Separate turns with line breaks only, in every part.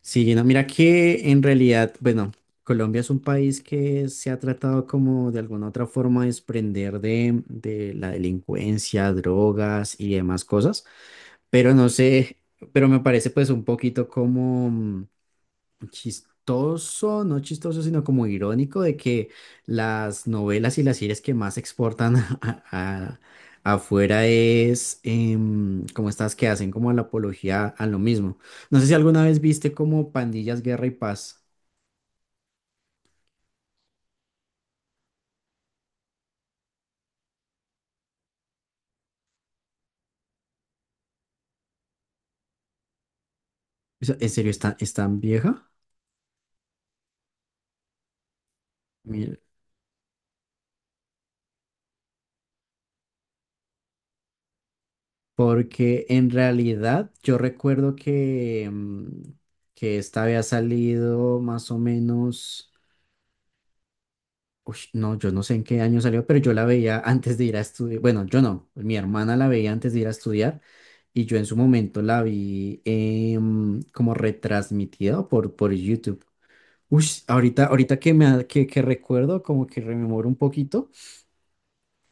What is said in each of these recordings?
Sí, no, mira que en realidad, bueno, Colombia es un país que se ha tratado como de alguna otra forma de desprender de la delincuencia, drogas y demás cosas, pero no sé, pero me parece pues un poquito como, chistoso, no chistoso, sino como irónico de que las novelas y las series que más exportan a- a- afuera es como estas que hacen como la apología a lo mismo. No sé si alguna vez viste como Pandillas, Guerra y Paz. O sea, ¿en serio es tan vieja? Mira, porque en realidad yo recuerdo que, que esta había salido más o menos. Uy, no, yo no sé en qué año salió, pero yo la veía antes de ir a estudiar. Bueno, yo no, mi hermana la veía antes de ir a estudiar y yo en su momento la vi como retransmitida por YouTube. Ush, ahorita, ahorita que, me, que recuerdo, como que rememoro un poquito,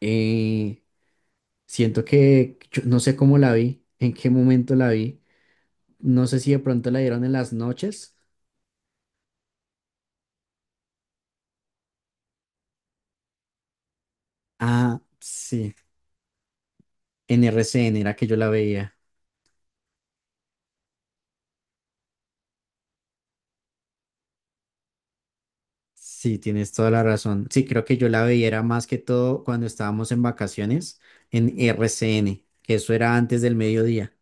eh, siento que yo no sé cómo la vi, en qué momento la vi. No sé si de pronto la dieron en las noches. Ah, sí, en RCN era que yo la veía. Sí, tienes toda la razón. Sí, creo que yo la veía era más que todo cuando estábamos en vacaciones en RCN, que eso era antes del mediodía.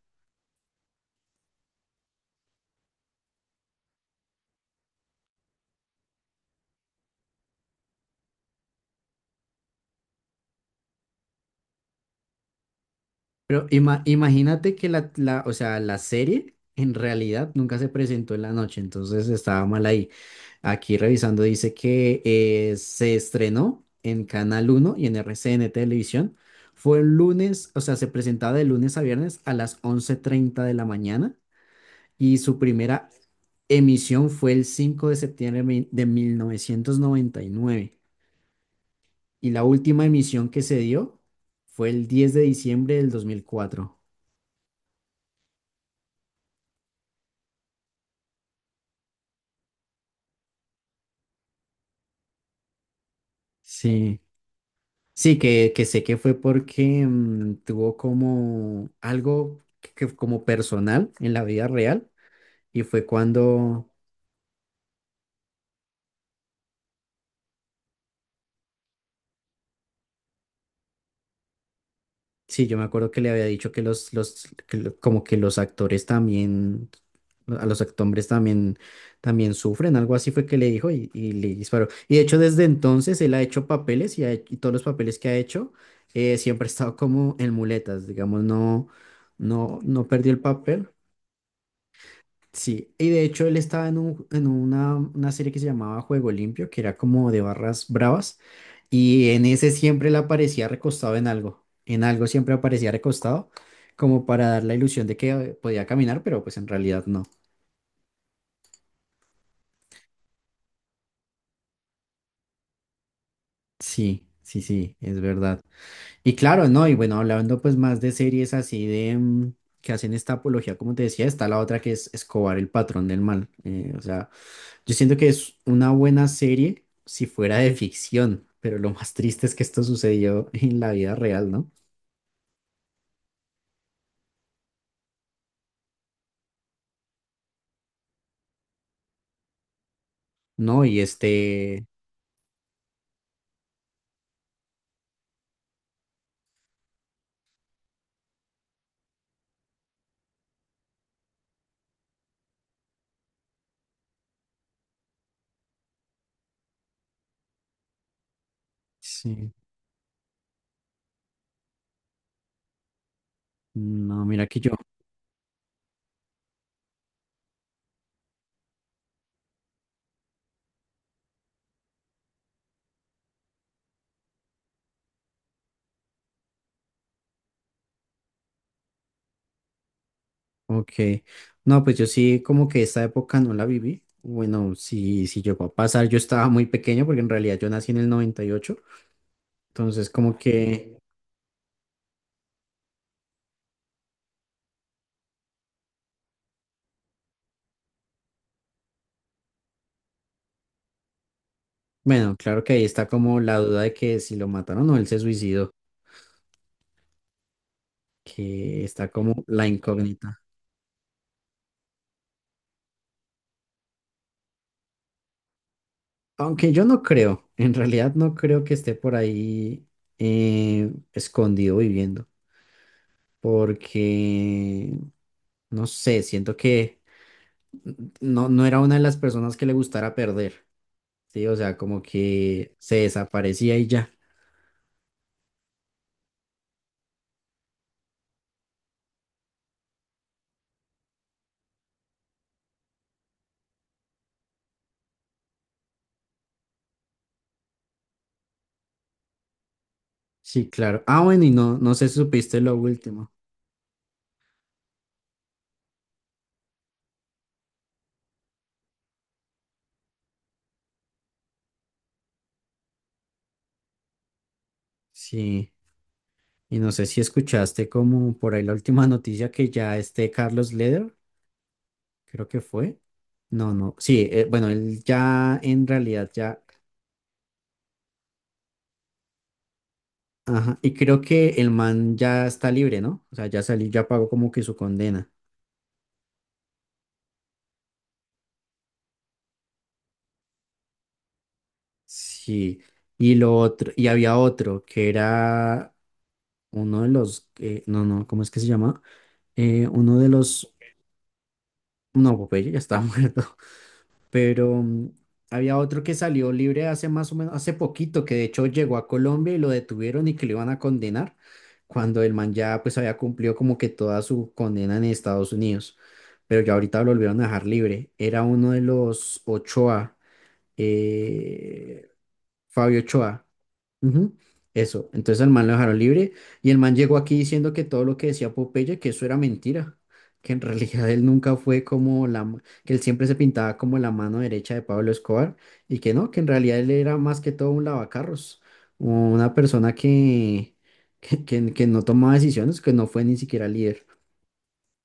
Pero imagínate que o sea, la serie en realidad nunca se presentó en la noche, entonces estaba mal ahí. Aquí revisando dice que se estrenó en Canal Uno y en RCN Televisión. Fue el lunes, o sea, se presentaba de lunes a viernes a las 11:30 de la mañana y su primera emisión fue el 5 de septiembre de novecientos noventa y nueve y la última emisión que se dio fue el 10 de diciembre del 2004. Sí, sí, que sé que fue porque tuvo como algo que como personal en la vida real y fue cuando. Sí, yo me acuerdo que le había dicho que que como que los actores también, a los actores también, también sufren, algo así fue que le dijo y le disparó. Y de hecho desde entonces él ha hecho papeles y, y todos los papeles que ha hecho siempre ha estado como en muletas, digamos, no, no, no perdió el papel. Sí, y de hecho él estaba en una serie que se llamaba Juego Limpio, que era como de barras bravas, y en ese siempre le aparecía recostado en algo siempre aparecía recostado, como para dar la ilusión de que podía caminar, pero pues en realidad no. Sí, sí, sí, es verdad. Y claro, no, y bueno, hablando pues más de series así de que hacen esta apología, como te decía, está la otra que es Escobar, el patrón del mal, o sea... Yo siento que es una buena serie si fuera de ficción, pero lo más triste es que esto sucedió en la vida real, ¿no? No, y este, sí, no, mira que yo, ok, no, pues yo sí como que esta época no la viví, bueno, si, si llegó a pasar, yo estaba muy pequeño porque en realidad yo nací en el 98 entonces como que, bueno, claro que ahí está como la duda de que si lo mataron o él se suicidó, que está como la incógnita. Aunque yo no creo, en realidad no creo que esté por ahí escondido viviendo, porque no sé, siento que no, no era una de las personas que le gustara perder, ¿sí? O sea, como que se desaparecía y ya. Sí, claro. Ah, bueno, y no, no sé si supiste lo último. Sí, y no sé si escuchaste como por ahí la última noticia que ya este Carlos Leder, creo que fue. No, no, sí, bueno, él ya en realidad ya. Ajá, y creo que el man ya está libre, ¿no? O sea, ya salió, ya pagó como que su condena. Sí. Y lo otro, y había otro que era uno de los, no, no, ¿cómo es que se llama? Uno de los, no, Popeye ya estaba muerto. Pero había otro que salió libre hace más o menos, hace poquito, que de hecho llegó a Colombia y lo detuvieron y que lo iban a condenar, cuando el man ya pues había cumplido como que toda su condena en Estados Unidos, pero ya ahorita lo volvieron a dejar libre. Era uno de los Ochoa, eh, Fabio Ochoa. Ujú, eso, entonces al man lo dejaron libre y el man llegó aquí diciendo que todo lo que decía Popeye, que eso era mentira, que en realidad él nunca fue como que él siempre se pintaba como la mano derecha de Pablo Escobar y que no, que en realidad él era más que todo un lavacarros, una persona que, que, que no tomaba decisiones, que no fue ni siquiera líder.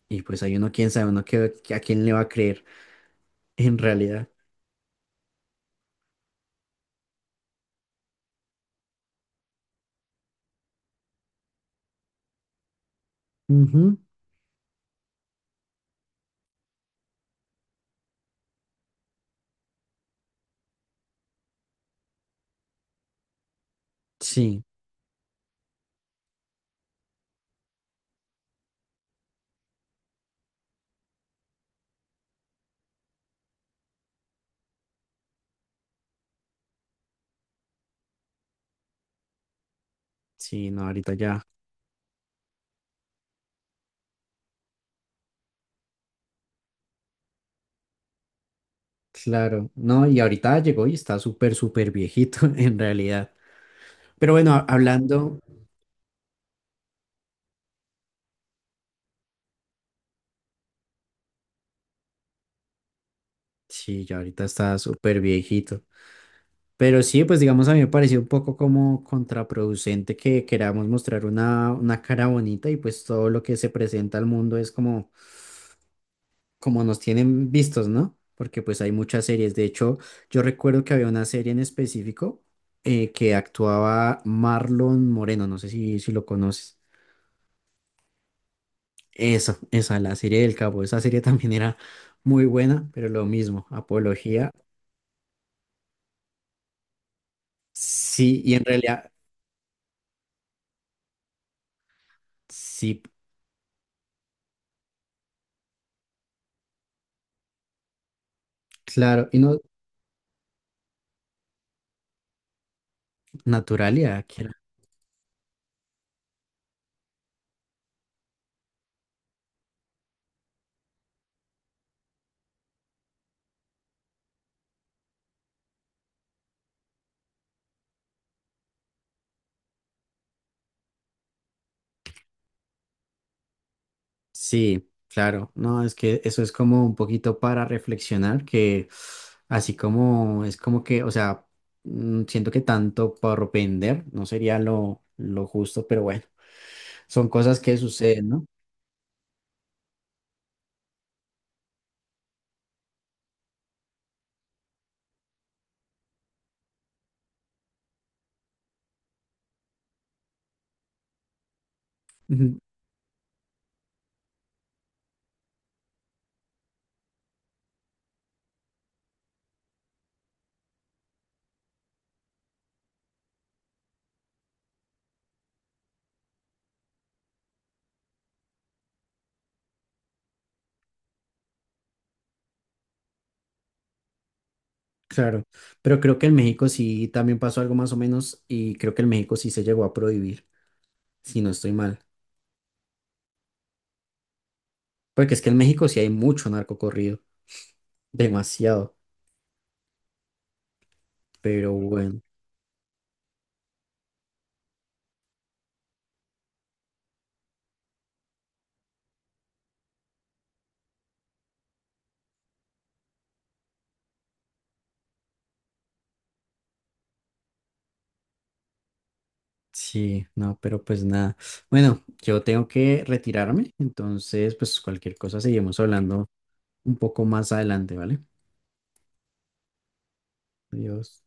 Y pues hay uno, quién sabe, uno que a quién le va a creer en realidad. Ujú, sí, sí, no, ahorita ya. Claro, no, y ahorita llegó y está súper, súper viejito en realidad. Pero bueno, hablando, sí, ya ahorita está súper viejito. Pero sí, pues digamos, a mí me pareció un poco como contraproducente que queramos mostrar una cara bonita y pues todo lo que se presenta al mundo es como, como nos tienen vistos, ¿no? Porque pues hay muchas series. De hecho, yo recuerdo que había una serie en específico que actuaba Marlon Moreno, no sé si, si lo conoces. Esa, la serie del Capo, esa serie también era muy buena, pero lo mismo, apología, sí, y en realidad, sí, claro, y no, naturalidad, que era. Sí, claro, no, es que eso es como un poquito para reflexionar, que así como es como que, o sea, siento que tanto por vender no sería lo justo, pero bueno, son cosas que suceden, ¿no? Claro, pero creo que en México sí también pasó algo más o menos y creo que en México sí se llegó a prohibir, si no estoy mal. Porque es que en México sí hay mucho narco corrido, demasiado, pero bueno, sí, no, pero pues nada. Bueno, yo tengo que retirarme, entonces pues cualquier cosa seguimos hablando un poco más adelante, ¿vale? Adiós.